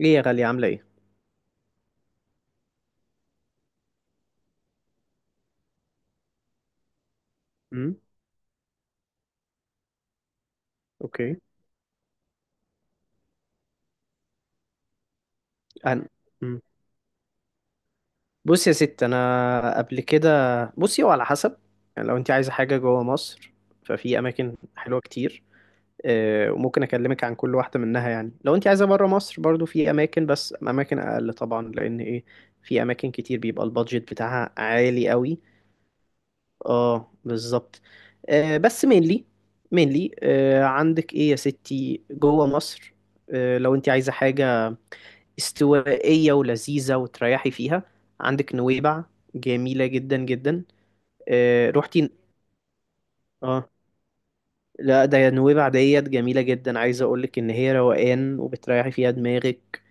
ايه يا غالية، عاملة ايه؟ امم. اوكي. أنا، امم بص يا ست، انا قبل كده. بصي، هو على حسب، يعني لو انت عايزة حاجة جوه مصر ففي اماكن حلوة كتير. وممكن اكلمك عن كل واحدة منها. يعني لو انت عايزة بره مصر برضو في اماكن، بس اماكن اقل طبعا لان ايه، في اماكن كتير بيبقى البادجت بتاعها عالي قوي. اه، بالظبط. بس، مينلي. عندك ايه يا ستي جوه مصر؟ لو انت عايزة حاجة استوائية ولذيذة وتريحي فيها، عندك نويبع. جميلة جدا جدا. آه، روحتي؟ اه. لا، ده نويبع ديت جميلة جدا. عايزة اقولك ان هي روقان وبتريحي فيها دماغك.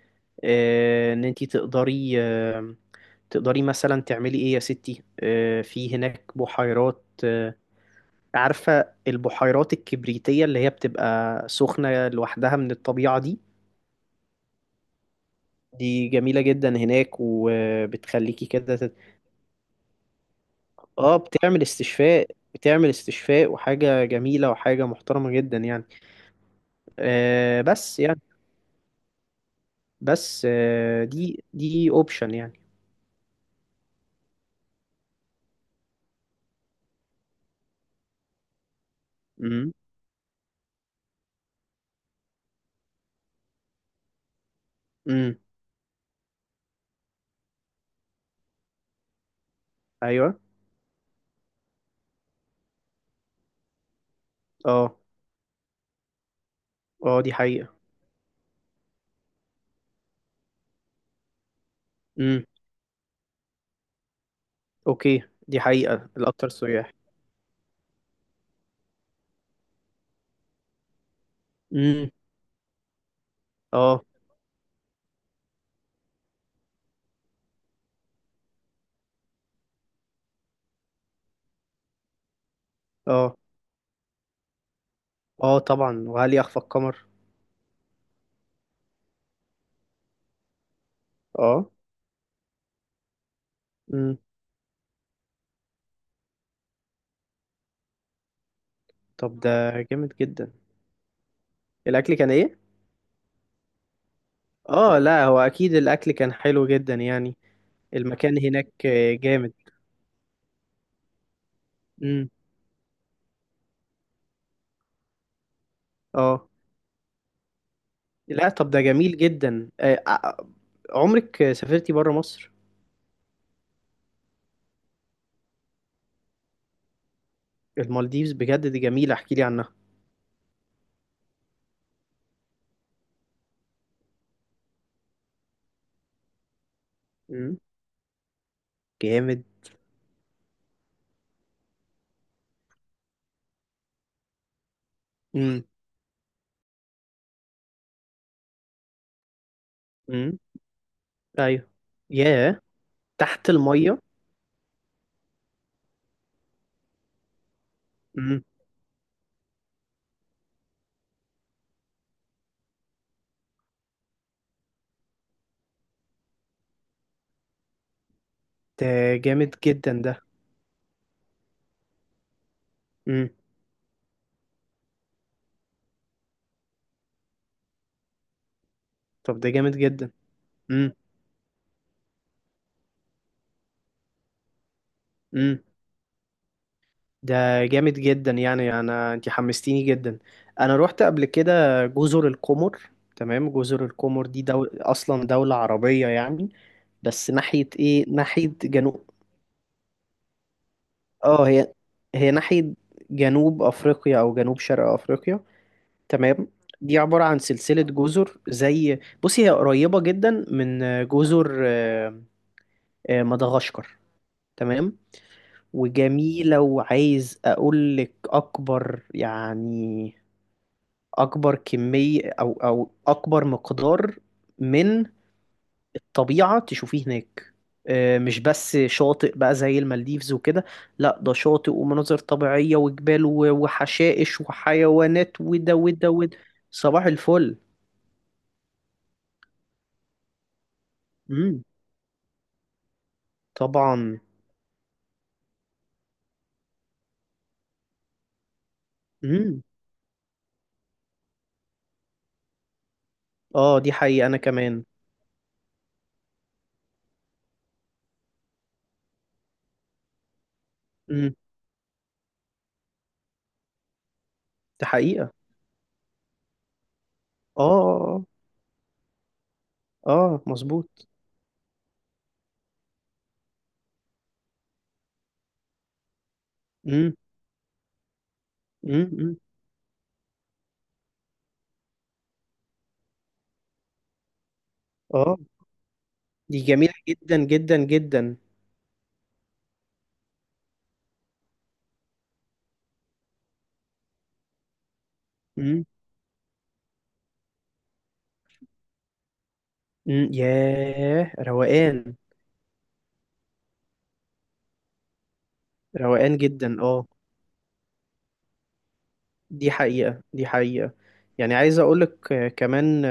آه، ان انتي تقدري مثلا تعملي ايه يا ستي. في هناك بحيرات. عارفة البحيرات الكبريتية اللي هي بتبقى سخنة لوحدها من الطبيعة دي؟ دي جميلة جدا هناك، وبتخليكي كده. اه، بتعمل استشفاء بتعمل استشفاء، وحاجة جميلة وحاجة محترمة جدا يعني. بس يعني. بس، دي اوبشن يعني. امم. امم. ايوه. اه. اه، دي حقيقة. امم. اوكي، دي حقيقة الأكتر سياح. امم. اه. اه، اه، طبعا، وهل يخفى القمر. اه. امم. طب، ده جامد جدا. الأكل كان ايه؟ اه، لا هو أكيد الأكل كان حلو جدا يعني. المكان هناك جامد. امم. اه. لا، طب ده جميل جدا. عمرك سافرتي بره مصر؟ المالديفز، بجد دي جميلة، احكي لي عنها. مم. جامد. امم. امم. ايوه. ياه. تحت المية. امم. ده جامد جدا ده. امم. طب، ده جامد جدا. امم. امم. ده جامد جدا يعني. انا، انت حمستيني جدا. انا روحت قبل كده جزر القمر. تمام، جزر القمر دي اصلا دولة عربية يعني. بس ناحية ايه، ناحية جنوب. اه، هي ناحية جنوب أفريقيا أو جنوب شرق أفريقيا. تمام. دي عبارة عن سلسلة جزر. زي بصي، هي قريبة جدا من جزر مدغشقر. تمام. وجميلة، وعايز أقولك أكبر يعني. أكبر كمية أو أكبر مقدار من طبيعة تشوفيه هناك. مش بس شاطئ بقى زي المالديفز وكده. لا، ده شاطئ ومناظر طبيعية وجبال وحشائش وحيوانات وده وده وده. صباح الفل. امم. طبعا. امم. اه، دي حقيقة انا كمان. امم. دي حقيقة. اه، اه، اه. آه، مظبوط. امم. امم. اه، دي جميلة جدا جدا جدا. امم. امم. ياه، روقان. روقان جدا. اه. دي حقيقة، دي حقيقة. يعني عايز أقولك آه، كمان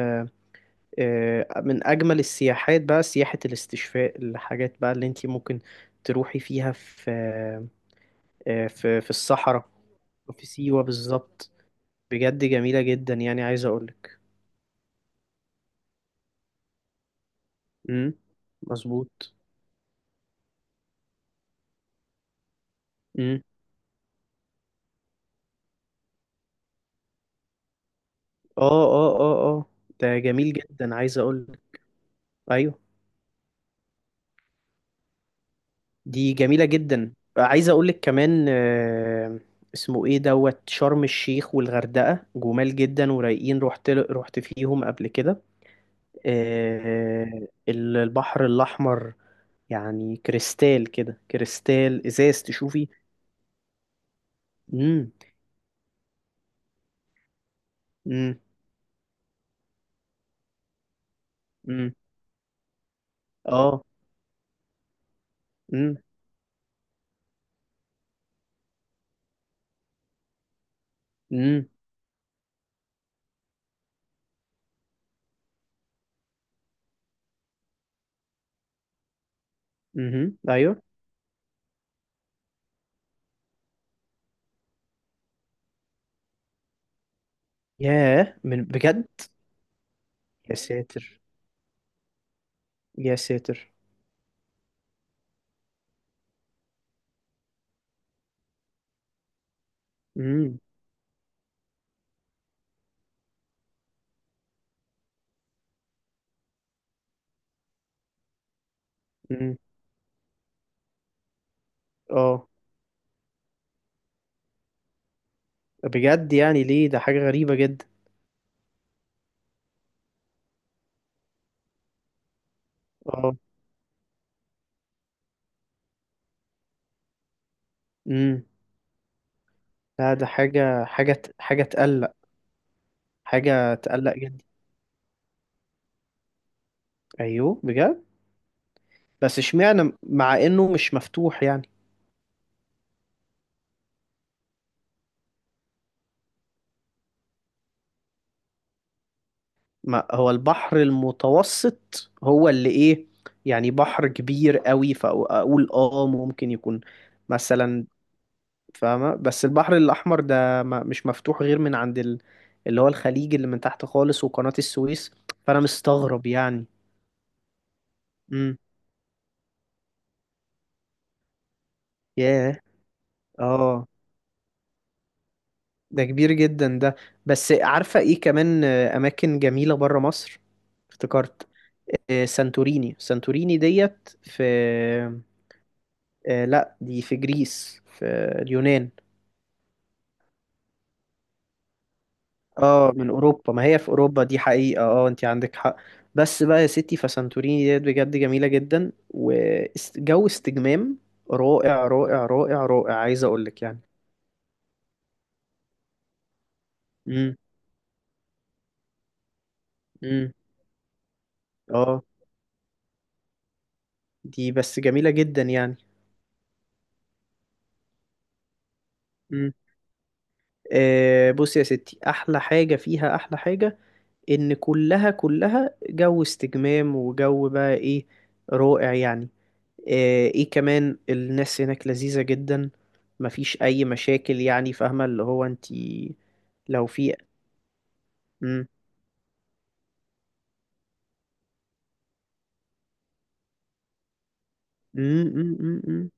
آه، من أجمل السياحات بقى سياحة الاستشفاء. الحاجات بقى اللي انتي ممكن تروحي فيها في آه، في في الصحراء. وفي سيوة بالظبط. بجد جميلة جدا، يعني عايز أقولك. امم. مظبوط. امم. اه، اه، اه، اه. ده جميل جدا عايز أقولك. أيوة. دي جميلة جدا، عايز أقولك كمان. اسمه إيه دوت شرم الشيخ والغردقة. جمال جدا ورايقين. رحت فيهم قبل كده. البحر الأحمر. يعني كريستال كده، كريستال إزاز تشوفي. مم. مم. مم. آه. مم. مم. مم. أيوه. ياه، من بجد. يا ساتر، يا ساتر. مم. مم. آه. بجد يعني ليه؟ ده حاجة غريبة جدا. آه. مم. لا، ده حاجة تقلق. حاجة تقلق جدا. أيوه، بجد. بس اشمعنى مع إنه مش مفتوح يعني. ما هو البحر المتوسط هو اللي إيه، يعني بحر كبير قوي، فأقول ممكن يكون مثلا. فاهمة. بس البحر الأحمر ده، ما مش مفتوح غير من عند اللي هو الخليج اللي من تحت خالص وقناة السويس. فأنا مستغرب يعني. امم. ياه. اه. ده كبير جدا ده. بس عارفة ايه كمان، اماكن جميلة برا مصر؟ افتكرت سانتوريني ديت في. لا، دي في جريس، في اليونان. اه، من اوروبا، ما هي في اوروبا. دي حقيقة، اه، انت عندك حق. بس بقى يا ستي، فسانتوريني ديت بجد جميلة جدا، وجو استجمام رائع رائع رائع رائع، عايز اقولك يعني. امم. امم. اه. دي بس جميلة جدا يعني. إمم. بص يا ستي، احلى حاجة فيها، احلى حاجة ان كلها كلها جو استجمام، وجو بقى ايه، رائع يعني. ايه كمان، الناس هناك لذيذة جدا. مفيش اي مشاكل يعني، فاهمة اللي هو انتي لو في. مم. مم. مم. مم. مم.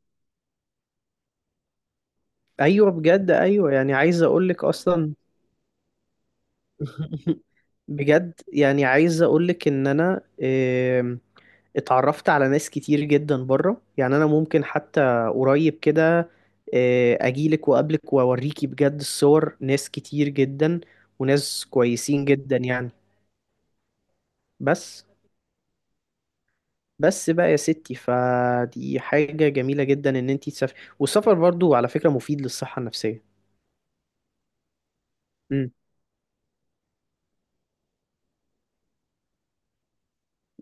ايوه، بجد، ايوه. يعني عايز اقولك اصلا. بجد يعني، عايز اقولك ان انا اتعرفت على ناس كتير جدا بره. يعني انا ممكن حتى قريب كده اجيلك واقابلك، واوريكي بجد الصور، ناس كتير جدا وناس كويسين جدا يعني. بس بس بقى يا ستي، فدي حاجة جميلة جدا ان انتي تسافري. والسفر برضو على فكرة مفيد للصحة النفسية. امم.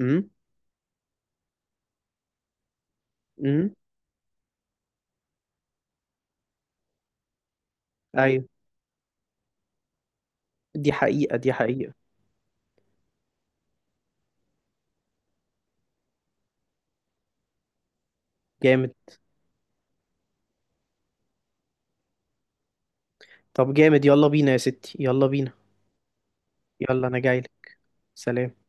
امم. امم. ايوه. دي حقيقة، دي حقيقة. جامد. طب جامد، يلا بينا يا ستي، يلا بينا. يلا انا جايلك. سلام.